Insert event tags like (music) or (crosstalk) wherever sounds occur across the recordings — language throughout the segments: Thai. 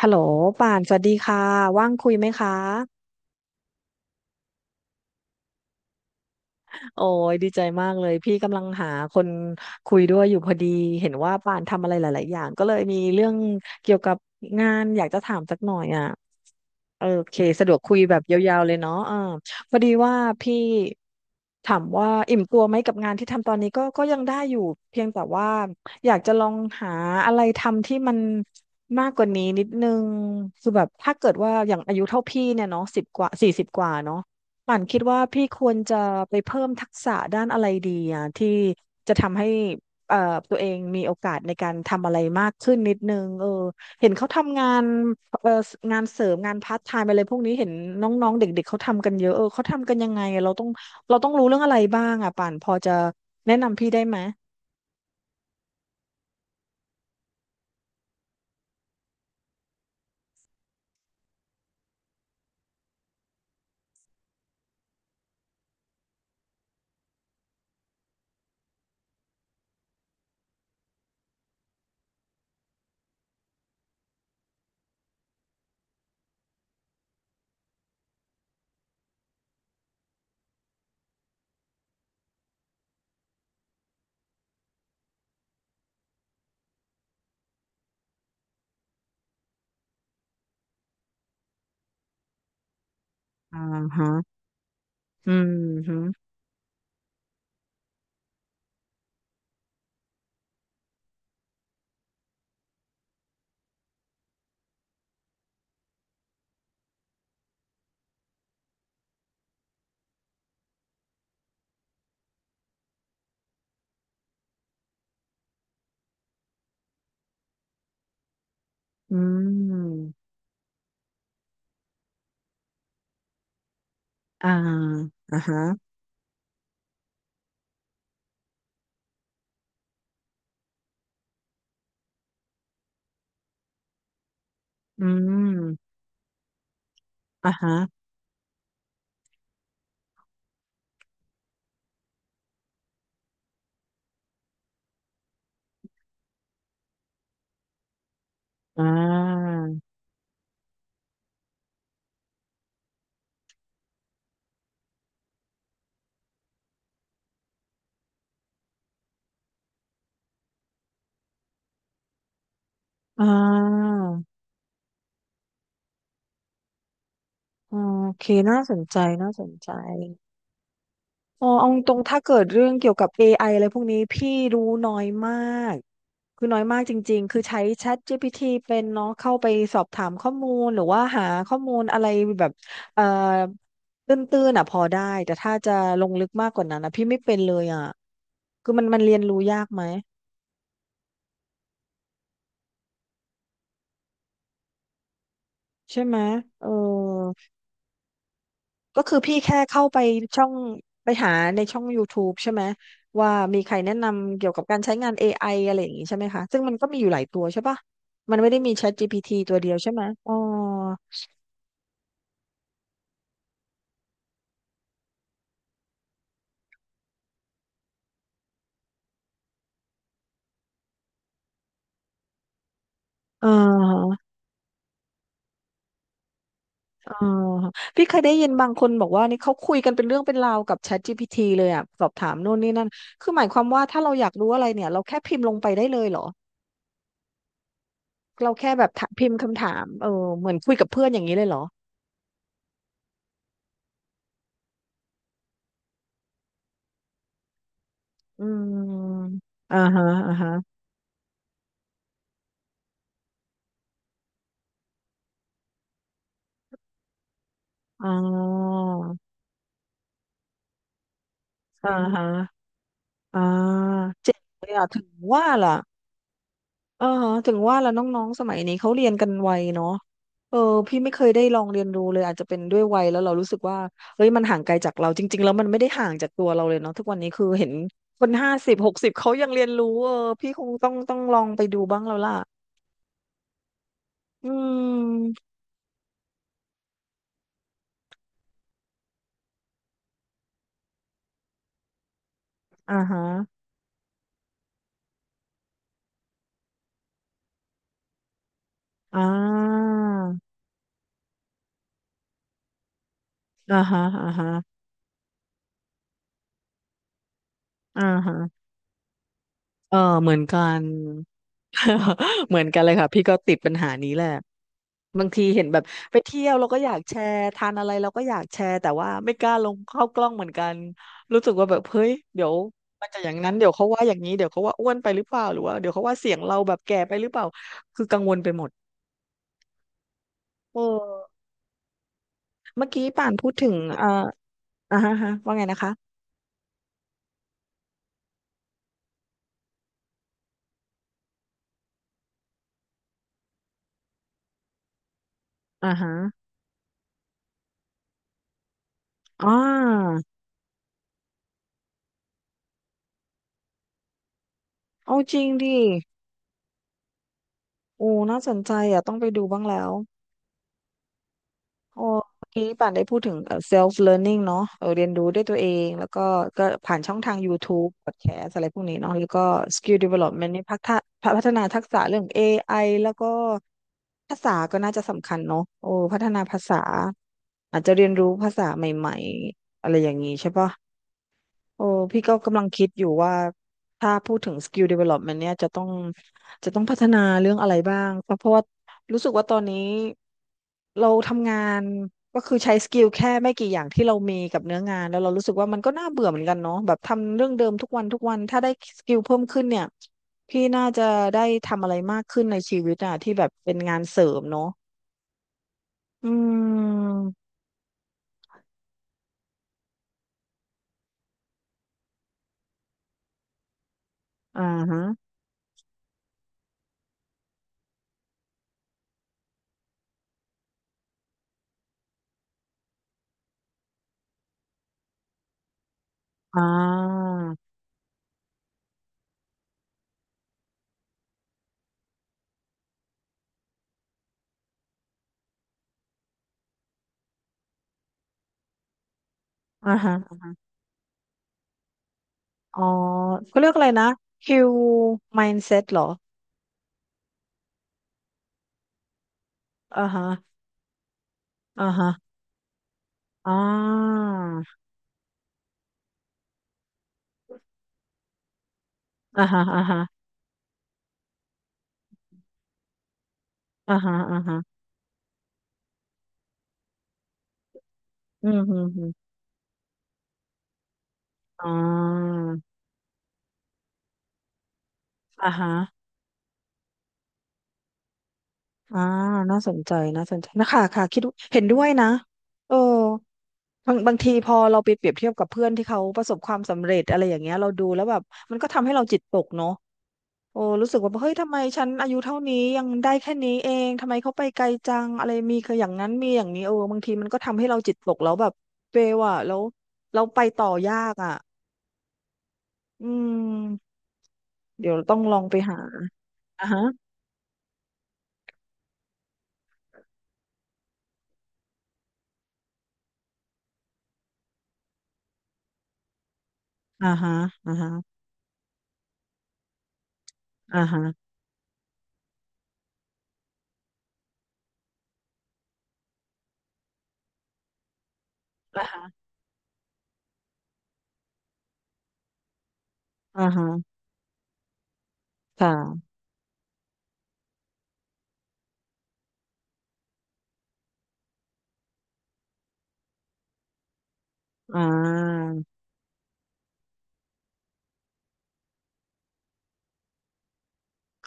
ฮัลโหลป่านสวัสดีค่ะว่างคุยไหมคะโอ้ยดีใจมากเลยพี่กำลังหาคนคุยด้วยอยู่พอดีเห็นว่าป่านทำอะไรหลาย ๆ อย่างก็เลยมีเรื่องเกี่ยวกับงานอยากจะถามสักหน่อยอ่ะ โอเคสะดวกคุยแบบยาวๆเลยเนาะพอดีว่าพี่ถามว่าอิ่มตัวไหมกับงานที่ทำตอนนี้ก็ยังได้อยู่เพียงแต่ว่าอยากจะลองหาอะไรทำที่มันมากกว่านี้นิดนึงคือแบบถ้าเกิดว่าอย่างอายุเท่าพี่เนี่ยเนาะสิบกว่าสี่สิบกว่าเนาะป่านคิดว่าพี่ควรจะไปเพิ่มทักษะด้านอะไรดีอ่ะที่จะทำให้เอ่อตัวเองมีโอกาสในการทำอะไรมากขึ้นนิดนึงเออ เห็นเขาทำงานเอ่องานเสริมงานพาร์ทไทม์อะไรพวกนี้เห็นน้องๆเด็กๆเขาทำกันเยอะ เออเขาทำกันยังไงอะเราต้องรู้เรื่องอะไรบ้างอ่ะป่านพอจะแนะนำพี่ได้ไหมอ่าฮะอืมฮึอืมอ่าอ่าฮะอืมอ่าฮะอ่าอ่าโอเคน่าสนใจน่าสนใจ อ๋อเอาตรงๆถ้าเกิดเรื่องเกี่ยวกับ AI อไออะไรพวกนี้พี่รู้น้อยมากคือน้อยมากจริงๆคือใช้ ChatGPT เป็นเนาะเข้าไปสอบถามข้อมูลหรือว่าหาข้อมูลอะไรแบบเอ่อตื้นๆอ่ะพอได้แต่ถ้าจะลงลึกมากกว่านั้นนะพี่ไม่เป็นเลยอ่ะคือมันเรียนรู้ยากไหมใช่ไหมเออ ก็คือพี่แค่เข้าไปช่องไปหาในช่อง YouTube ใช่ไหมว่ามีใครแนะนำเกี่ยวกับการใช้งาน AI อไออะไรอย่างงี้ใช่ไหมคะซึ่งมันก็มีอยู่หลายตัวใช่ปะมันไม่ได้มี ChatGPT ตัวเดียวใช่ไหมอ๋ออ่าอ่าพี่เคยได้ยินบางคนบอกว่านี่เขาคุยกันเป็นเรื่องเป็นราวกับ ChatGPT เลยอ่ะสอบถามโน่นนี่นั่นคือหมายความว่าถ้าเราอยากรู้อะไรเนี่ยเราแค่พิมพ์ลงไปได้เลยเหรอเราแค่แบบถามพิมพ์คำถามเออเหมือนคุยกับเพื่อนอย่างนี้เลยเหรออืมอ่าฮะอ่าฮะอ๋อ อ่าฮะอ่าเจ๋งเลยอ่ะถึงว่าล่ะอ่าฮะถึงว่าล่ะน้องๆสมัยนี้เขาเรียนกันไวเนาะเออพี่ไม่เคยได้ลองเรียนรู้เลยอาจจะเป็นด้วยวัยแล้วเรารู้สึกว่าเฮ้ยมันห่างไกลจากเราจริงๆแล้วมันไม่ได้ห่างจากตัวเราเลยเนาะทุกวันนี้คือเห็นคนห้าสิบหกสิบเขายังเรียนรู้เออพี่คงต้องลองไปดูบ้างแล้วล่ะอืมอ่าฮะอ่าอ่าฮะอ่าฮะอ่าฮะเออเหมือนกัน (laughs) เหมือนกันเลยค่ะพี่ก็ติดปัญหานี้แหละ บางทีเห็นแบบไปเที่ยวเราก็อยากแชร์ทานอะไรเราก็อยากแชร์แต่ว่าไม่กล้าลงเข้ากล้องเหมือนกันรู้สึกว่าแบบเฮ้ยเดี๋ยวมันจะอย่างนั้นเดี๋ยวเขาว่าอย่างนี้เดี๋ยวเขาว่าอ้วนไปหรือเปล่าหรือว่าเดี๋ยวเขาว่าเสียงเราแบบแก่ไปหรือเปล่าคือกังวลไปหมดเอ้เมื่อกี้ป่านพูดถึงอ่าอ่าฮะฮะว่าไงนะคะอ่าฮะอ่าเอาจริงดิโอ้น่าสนใจอ่ะต้องไปดูบ้างแล้ว โอ้เมื่อกี้ป่านได้พูดถึงself learning เนาะเออเรียนรู้ด้วยตัวเองแล้วก็ก็ผ่านช่องทาง YouTube podcast อะไรพวกนี้เนาะแล้วก็ skill development นี่พัฒนาทักษะเรื่อง AI แล้วก็ภาษาก็น่าจะสำคัญเนาะโอ้ พัฒนาภาษาอาจจะเรียนรู้ภาษาใหม่ๆอะไรอย่างนี้ใช่ปะ โอ้พี่ก็กำลังคิดอยู่ว่าถ้าพูดถึง skill development เนี่ยจะต้องพัฒนาเรื่องอะไรบ้างเพราะว่ารู้สึกว่าตอนนี้เราทำงานก็คือใช้สกิลแค่ไม่กี่อย่างที่เรามีกับเนื้องานแล้วเรารู้สึกว่ามันก็น่าเบื่อเหมือนกันเนาะแบบทำเรื่องเดิมทุกวันทุกวันถ้าได้สกิลเพิ่มขึ้นเนี่ยพี่น่าจะได้ทำอะไรมากขึ้นในชีวิตอะที่แบบเป็นงานเสริมเนาะอืมอ่าฮะอ่าอ่าฮะ อ๋อก็เรียกอะไรนะคิว mindset เหรออ่าฮะอ่าฮะอ่าอ่าฮะอ่าฮะอ่าฮะอ่าฮะอืมอืมอืมอ่าอ่าฮะอ่าน่าสนใจน่าสนใจนะคะค่ะคิดเห็นด้วยนะเออบางทีพอเราไปเปรียบเทียบกับเพื่อนที่เขาประสบความสำเร็จอะไรอย่างเงี้ยเราดูแล้วแบบมันก็ทำให้เราจิตตกเนาะ โอ้รู้สึกว่าเฮ้ยทำไมฉันอายุเท่านี้ยังได้แค่นี้เองทำไมเขาไปไกลจังอะไรมีคืออย่างนั้นมีอย่างนี้เออบางทีมันก็ทำให้เราจิตตกแล้วแบบเฟลอ่ะแล้วเราไปต่อยากอ่ะอืมเดี๋ยวต้องลองไปหาอ่าฮะอ่าฮะอ่าฮะอ่าฮะอ่าฮะอ่าฮะค่ะอ่า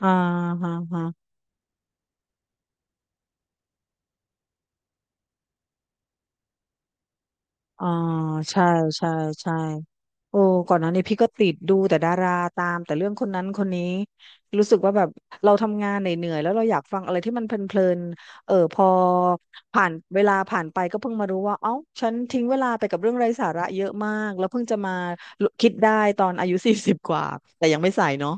อ่าฮะ อ่าใช่ใช่ใช่โอ้ก่อนหน้านี้พี่ก็ติดดูแต่ดาราตามแต่เรื่องคนนั้นคนนี้รู้สึกว่าแบบเราทำงานเหนื่อยๆแล้วเราอยากฟังอะไรที่มันเพลินๆเออพอผ่านเวลาผ่านไปก็เพิ่งมารู้ว่าเอ้าฉันทิ้งเวลาไปกับเรื่องไร้สาระเยอะมากแล้วเพิ่งจะมาคิดได้ตอนอายุ (laughs) 40 กว่าแต่ยังไม่ใส่เนาะ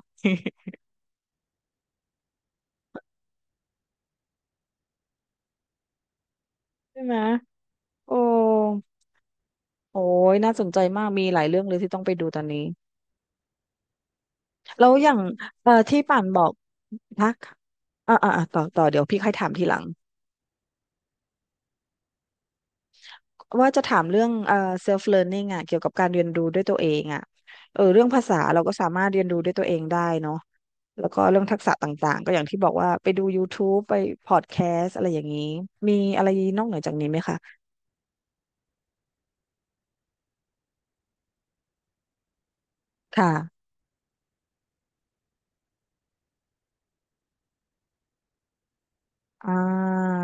(laughs) ใช่ไหมโอ้โอ้ยน่าสนใจมากมีหลายเรื่องเลยที่ต้องไปดูตอนนี้ แล้วอย่างที่ป่านบอกนะต่อเดี๋ยวพี่ค่อยถามทีหลังว่าจะถามเรื่องself learning อ่ะเกี่ยวกับการเรียนรู้ด้วยตัวเองอ่ะเออเรื่องภาษาเราก็สามารถเรียนรู้ด้วยตัวเองได้เนาะแล้วก็เรื่องทักษะต่างๆก็อย่างที่บอกว่าไปดู YouTube ไปพอดแคสต์อะไรอย่างนี้ มีอะไรนอกเหนือจากนี้ไหมคะ ค่ะอ่า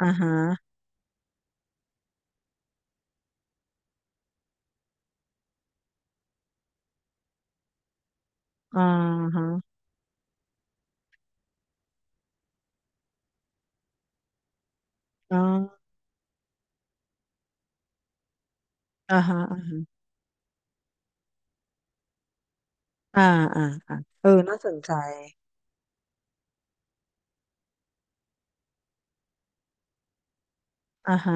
อ่าฮะอ่าฮะอ่าอ่าฮะอ่าฮะอ่าอ่าอ่าเออน่าสนใจอ่าฮะ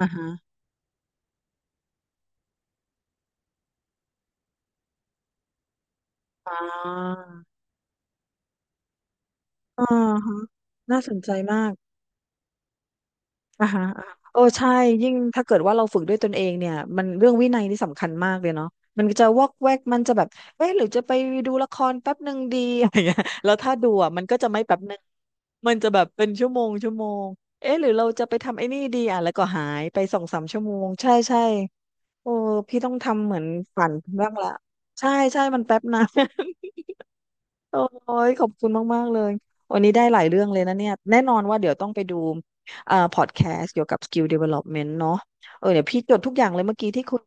อ่าฮะอ่า อ่าฮะน่าสนใจมากอ่าฮะอ่าฮะโอ้ใช่ยิ่งถ้าเกิดว่าเราฝึกด้วยตนเองเนี่ยมันเรื่องวินัยนี่สำคัญมากเลยเนาะมันจะวอกแวกมันจะแบบเอ๊ะหรือจะไปดูละครแป๊บหนึ่งดี (laughs) อะไรเงี้ยแล้วถ้าดูอ่ะมันก็จะไม่แป๊บหนึ่งมันจะแบบเป็นชั่วโมงชั่วโมงเอ๊ะหรือเราจะไปทำไอ้นี่ดีอ่ะแล้วก็หายไป2-3 ชั่วโมงใช่ใช่โอ้พี่ต้องทำเหมือนฝันบ้างละใช่ใช่มันแป๊บนะ โอ้ยขอบคุณมากๆเลยวันนี้ได้หลายเรื่องเลยนะเนี่ยแน่นอนว่าเดี๋ยวต้องไปดูพอดแคสต์เกี่ยวกับ Skill Development เนาะเออเดี๋ยวพี่จดทุกอย่างเลยเมื่อกี้ที่คุณ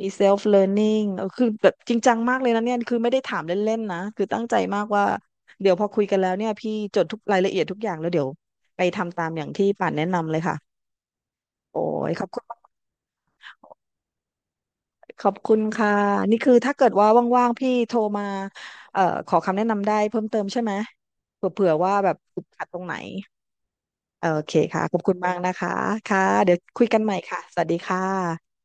มี self learning เออคือแบบจริงจังมากเลยนะเนี่ยคือไม่ได้ถามเล่นๆนะคือตั้งใจมากว่าเดี๋ยวพอคุยกันแล้วเนี่ยพี่จดทุกรายละเอียดทุกอย่างแล้วเดี๋ยวไปทำตามอย่างที่ป่านแนะนำเลยค่ะโอ้ยขอบคุณ ขอบคุณค่ะนี่คือถ้าเกิดว่าว่างๆพี่โทรมาเอ่อขอคำแนะนำได้เพิ่มเติมใช่ไหมเผื่อๆว่าแบบติดขัดตรงไหนโอเคค่ะขอบคุณมากนะคะค่ะเดี๋ยวคุยกันใหม่ค่ะสวัสดีค่ะ